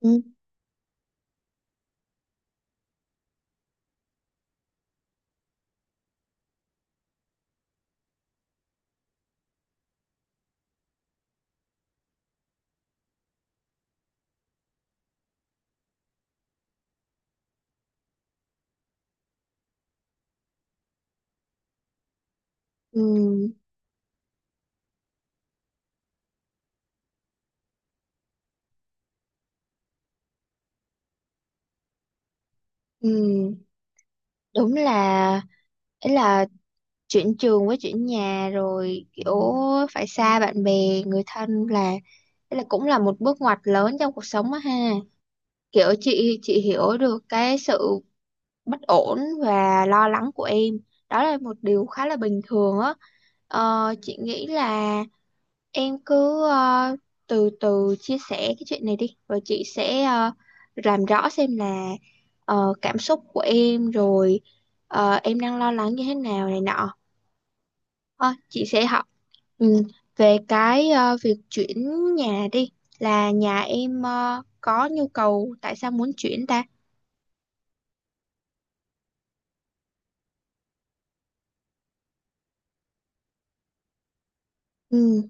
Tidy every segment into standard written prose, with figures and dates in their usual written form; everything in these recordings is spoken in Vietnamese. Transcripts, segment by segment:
Ừ, ừ, ừ. Đúng là ấy là chuyển trường với chuyển nhà rồi kiểu phải xa bạn bè người thân là ấy là cũng là một bước ngoặt lớn trong cuộc sống á ha, kiểu chị hiểu được cái sự bất ổn và lo lắng của em. Đó là một điều khá là bình thường á. Chị nghĩ là em cứ từ từ chia sẻ cái chuyện này đi, rồi chị sẽ làm rõ xem là cảm xúc của em rồi em đang lo lắng như thế nào này nọ. Ờ, chị sẽ học, ừ, về cái việc chuyển nhà đi, là nhà em có nhu cầu tại sao muốn chuyển ta? Ừ,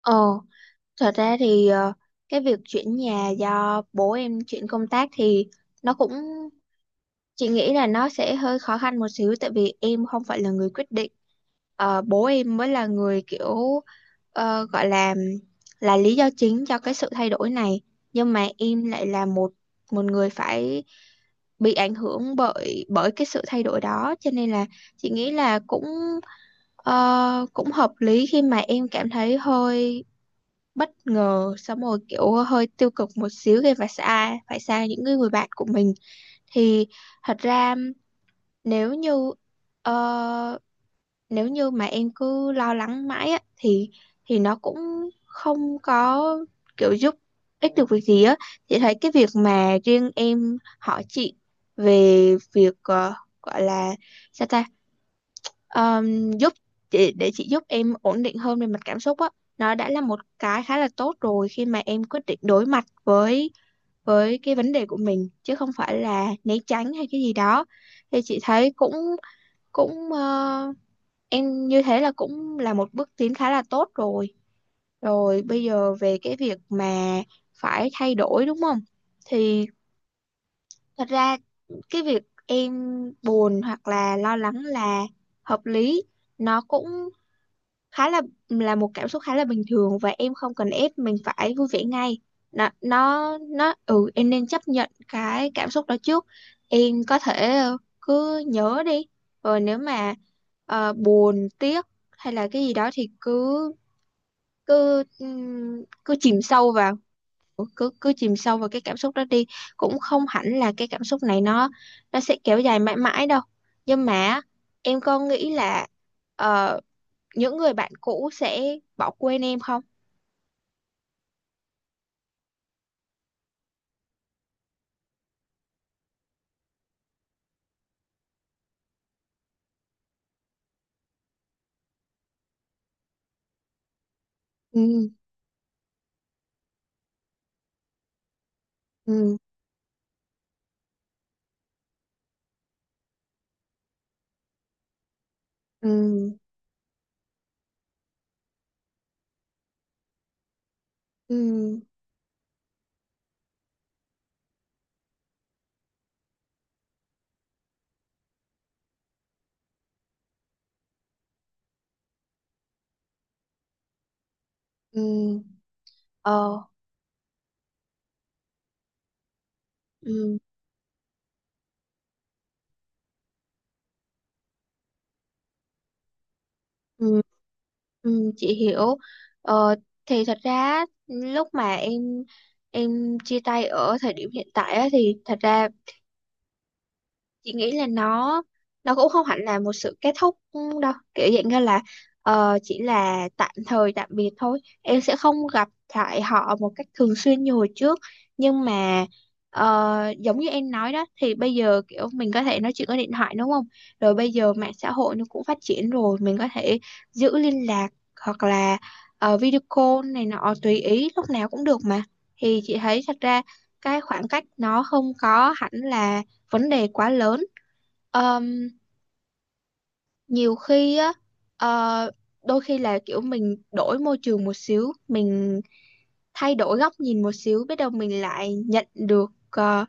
ờ, thật ra thì, cái việc chuyển nhà do bố em chuyển công tác thì nó cũng, chị nghĩ là nó sẽ hơi khó khăn một xíu tại vì em không phải là người quyết định. Ờ, bố em mới là người kiểu gọi là lý do chính cho cái sự thay đổi này. Nhưng mà em lại là một một người phải bị ảnh hưởng bởi bởi cái sự thay đổi đó, cho nên là chị nghĩ là cũng cũng hợp lý khi mà em cảm thấy hơi bất ngờ, xong rồi kiểu hơi tiêu cực một xíu thì phải xa những người, người bạn của mình. Thì thật ra nếu như ờ, nếu như mà em cứ lo lắng mãi á, thì nó cũng không có kiểu giúp ích được việc gì á. Chị thấy cái việc mà riêng em hỏi chị về việc gọi là sao ta, giúp chị để chị giúp em ổn định hơn về mặt cảm xúc á, nó đã là một cái khá là tốt rồi khi mà em quyết định đối mặt với cái vấn đề của mình chứ không phải là né tránh hay cái gì đó. Thì chị thấy cũng cũng em như thế là cũng là một bước tiến khá là tốt rồi. Rồi bây giờ về cái việc mà phải thay đổi đúng không? Thì thật ra cái việc em buồn hoặc là lo lắng là hợp lý, nó cũng khá là một cảm xúc khá là bình thường và em không cần ép mình phải vui vẻ ngay. Nó ừ, em nên chấp nhận cái cảm xúc đó trước. Em có thể cứ nhớ đi, rồi nếu mà buồn tiếc hay là cái gì đó thì cứ cứ cứ chìm sâu vào. Ừ, cứ cứ chìm sâu vào cái cảm xúc đó đi, cũng không hẳn là cái cảm xúc này nó sẽ kéo dài mãi mãi đâu. Nhưng mà em có nghĩ là ờ, những người bạn cũ sẽ bỏ quên em không? Ừ ừ ừ ừ ừ ờ ừ ừ ừ chị hiểu. ờ thì thật ra lúc mà em chia tay ở thời điểm hiện tại á, thì thật ra chị nghĩ là nó cũng không hẳn là một sự kết thúc đâu, kiểu dạng như là chỉ là tạm thời tạm biệt thôi, em sẽ không gặp lại họ một cách thường xuyên như hồi trước. Nhưng mà giống như em nói đó thì bây giờ kiểu mình có thể nói chuyện qua điện thoại đúng không, rồi bây giờ mạng xã hội nó cũng phát triển rồi, mình có thể giữ liên lạc, hoặc là video call này nọ tùy ý lúc nào cũng được mà. Thì chị thấy thật ra cái khoảng cách nó không có hẳn là vấn đề quá lớn. Ờm, nhiều khi á, ờ, đôi khi là kiểu mình đổi môi trường một xíu, mình thay đổi góc nhìn một xíu, biết đâu mình lại nhận được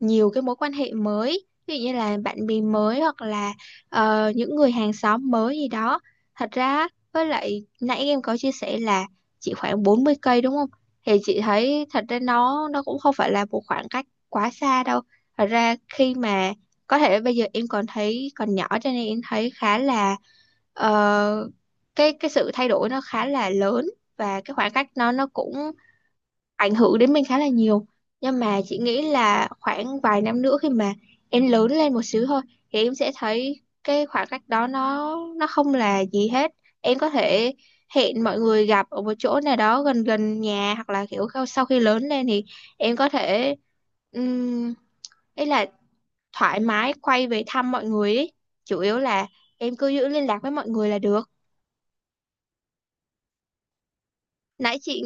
nhiều cái mối quan hệ mới, ví dụ như là bạn bè mới hoặc là những người hàng xóm mới gì đó. Thật ra với lại nãy em có chia sẻ là chỉ khoảng 40 cây đúng không, thì chị thấy thật ra nó cũng không phải là một khoảng cách quá xa đâu. Thật ra khi mà có thể bây giờ em còn thấy còn nhỏ cho nên em thấy khá là ờ, cái sự thay đổi nó khá là lớn, và cái khoảng cách nó cũng ảnh hưởng đến mình khá là nhiều. Nhưng mà chị nghĩ là khoảng vài năm nữa khi mà em lớn lên một xíu thôi thì em sẽ thấy cái khoảng cách đó nó không là gì hết. Em có thể hẹn mọi người gặp ở một chỗ nào đó gần gần nhà hoặc là kiểu sau khi lớn lên thì em có thể um, ấy là thoải mái quay về thăm mọi người ấy. Chủ yếu là em cứ giữ liên lạc với mọi người là được. Nãy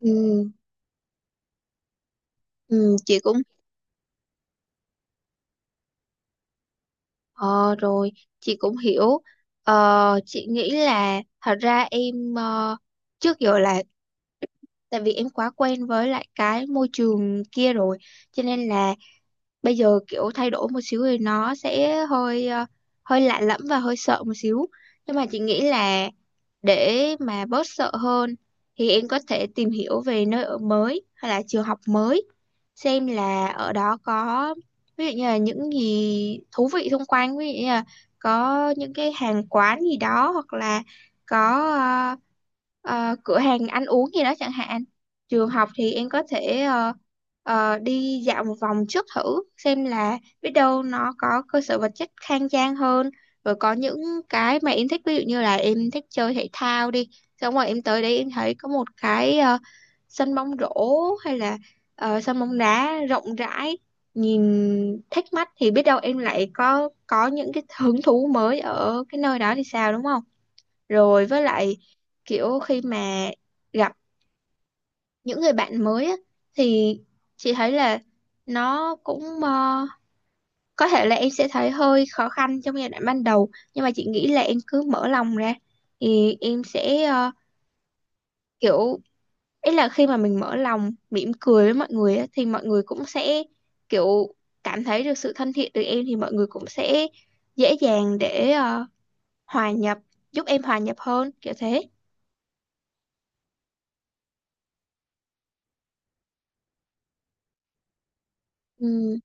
ừm, chị cũng, ờ rồi chị cũng hiểu. Chị nghĩ là thật ra em, trước giờ là tại vì em quá quen với lại cái môi trường kia rồi, cho nên là bây giờ kiểu thay đổi một xíu thì nó sẽ hơi hơi lạ lẫm và hơi sợ một xíu. Nhưng mà chị nghĩ là để mà bớt sợ hơn thì em có thể tìm hiểu về nơi ở mới hay là trường học mới, xem là ở đó có, ví dụ như là những gì thú vị xung quanh, ví dụ như là có những cái hàng quán gì đó, hoặc là có ờ, cửa hàng ăn uống gì đó chẳng hạn. Trường học thì em có thể đi dạo một vòng trước thử xem, là biết đâu nó có cơ sở vật chất khang trang hơn, rồi có những cái mà em thích, ví dụ như là em thích chơi thể thao đi, xong rồi em tới đấy em thấy có một cái sân bóng rổ hay là sân bóng đá rộng rãi, nhìn thích mắt, thì biết đâu em lại có những cái hứng thú mới ở cái nơi đó thì sao đúng không. Rồi với lại kiểu khi mà gặp những người bạn mới á, thì chị thấy là nó cũng có thể là em sẽ thấy hơi khó khăn trong giai đoạn ban đầu, nhưng mà chị nghĩ là em cứ mở lòng ra thì em sẽ kiểu, ý là khi mà mình mở lòng mỉm cười với mọi người á, thì mọi người cũng sẽ kiểu cảm thấy được sự thân thiện từ em, thì mọi người cũng sẽ dễ dàng để hòa nhập, giúp em hòa nhập hơn kiểu thế. ừ,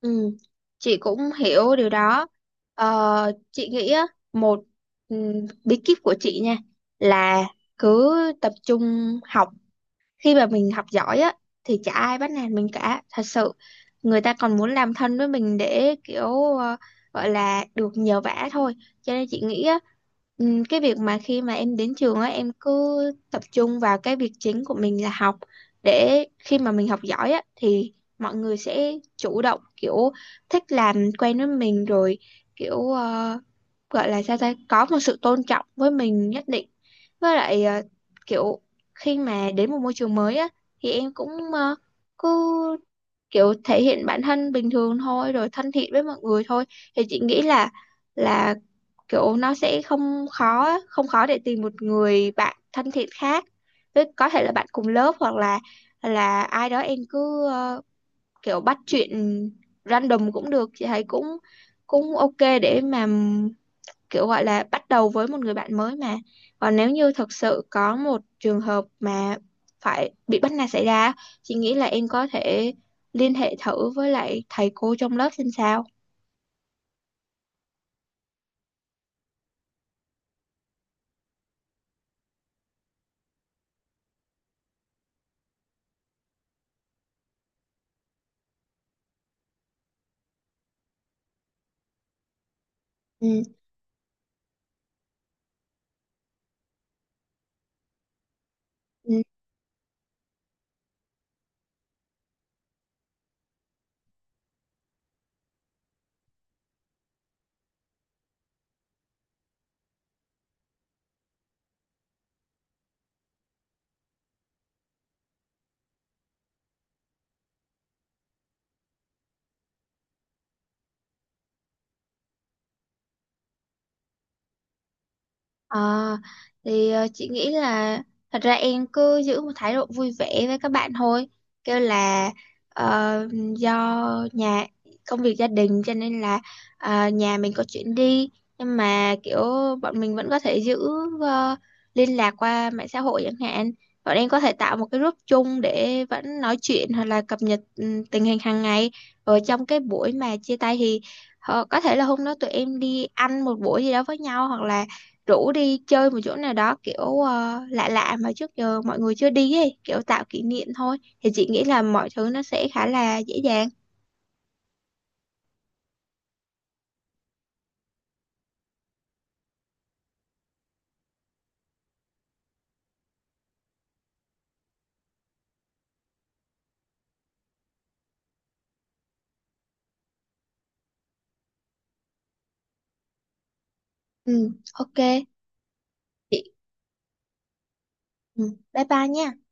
ừ. Chị cũng hiểu điều đó. Ờ, chị nghĩ á, một, ừ, bí kíp của chị nha là cứ tập trung học. Khi mà mình học giỏi á thì chả ai bắt nạt mình cả thật sự, người ta còn muốn làm thân với mình để kiểu gọi là được nhờ vả thôi. Cho nên chị nghĩ á, cái việc mà khi mà em đến trường á, em cứ tập trung vào cái việc chính của mình là học, để khi mà mình học giỏi á thì mọi người sẽ chủ động kiểu thích làm quen với mình rồi, kiểu gọi là sao ta, có một sự tôn trọng với mình nhất định. Với lại kiểu khi mà đến một môi trường mới á thì em cũng cứ kiểu thể hiện bản thân bình thường thôi, rồi thân thiện với mọi người thôi, thì chị nghĩ là là kiểu nó sẽ không khó á, không khó để tìm một người bạn thân thiện khác. Với có thể là bạn cùng lớp hoặc là ai đó, em cứ kiểu bắt chuyện random cũng được, chị thấy cũng cũng ok để mà kiểu gọi là bắt đầu với một người bạn mới mà. Còn nếu như thực sự có một trường hợp mà phải bị bắt nạt xảy ra, chị nghĩ là em có thể liên hệ thử với lại thầy cô trong lớp xem sao. Ừ. Ừ. Ờ, thì chị nghĩ là thật ra em cứ giữ một thái độ vui vẻ với các bạn thôi, kêu là ờ, do nhà, công việc gia đình cho nên là nhà mình có chuyện đi, nhưng mà kiểu bọn mình vẫn có thể giữ ờ, liên lạc qua mạng xã hội chẳng hạn. Bọn em có thể tạo một cái group chung để vẫn nói chuyện hoặc là cập nhật, ừ, tình hình hàng ngày. Ở trong cái buổi mà chia tay thì, ờ, có thể là hôm đó tụi em đi ăn một buổi gì đó với nhau, hoặc là rủ đi chơi một chỗ nào đó kiểu lạ lạ mà trước giờ mọi người chưa đi ấy, kiểu tạo kỷ niệm thôi, thì chị nghĩ là mọi thứ nó sẽ khá là dễ dàng. Ừ, ok. Chị, ừ, bye bye nhé.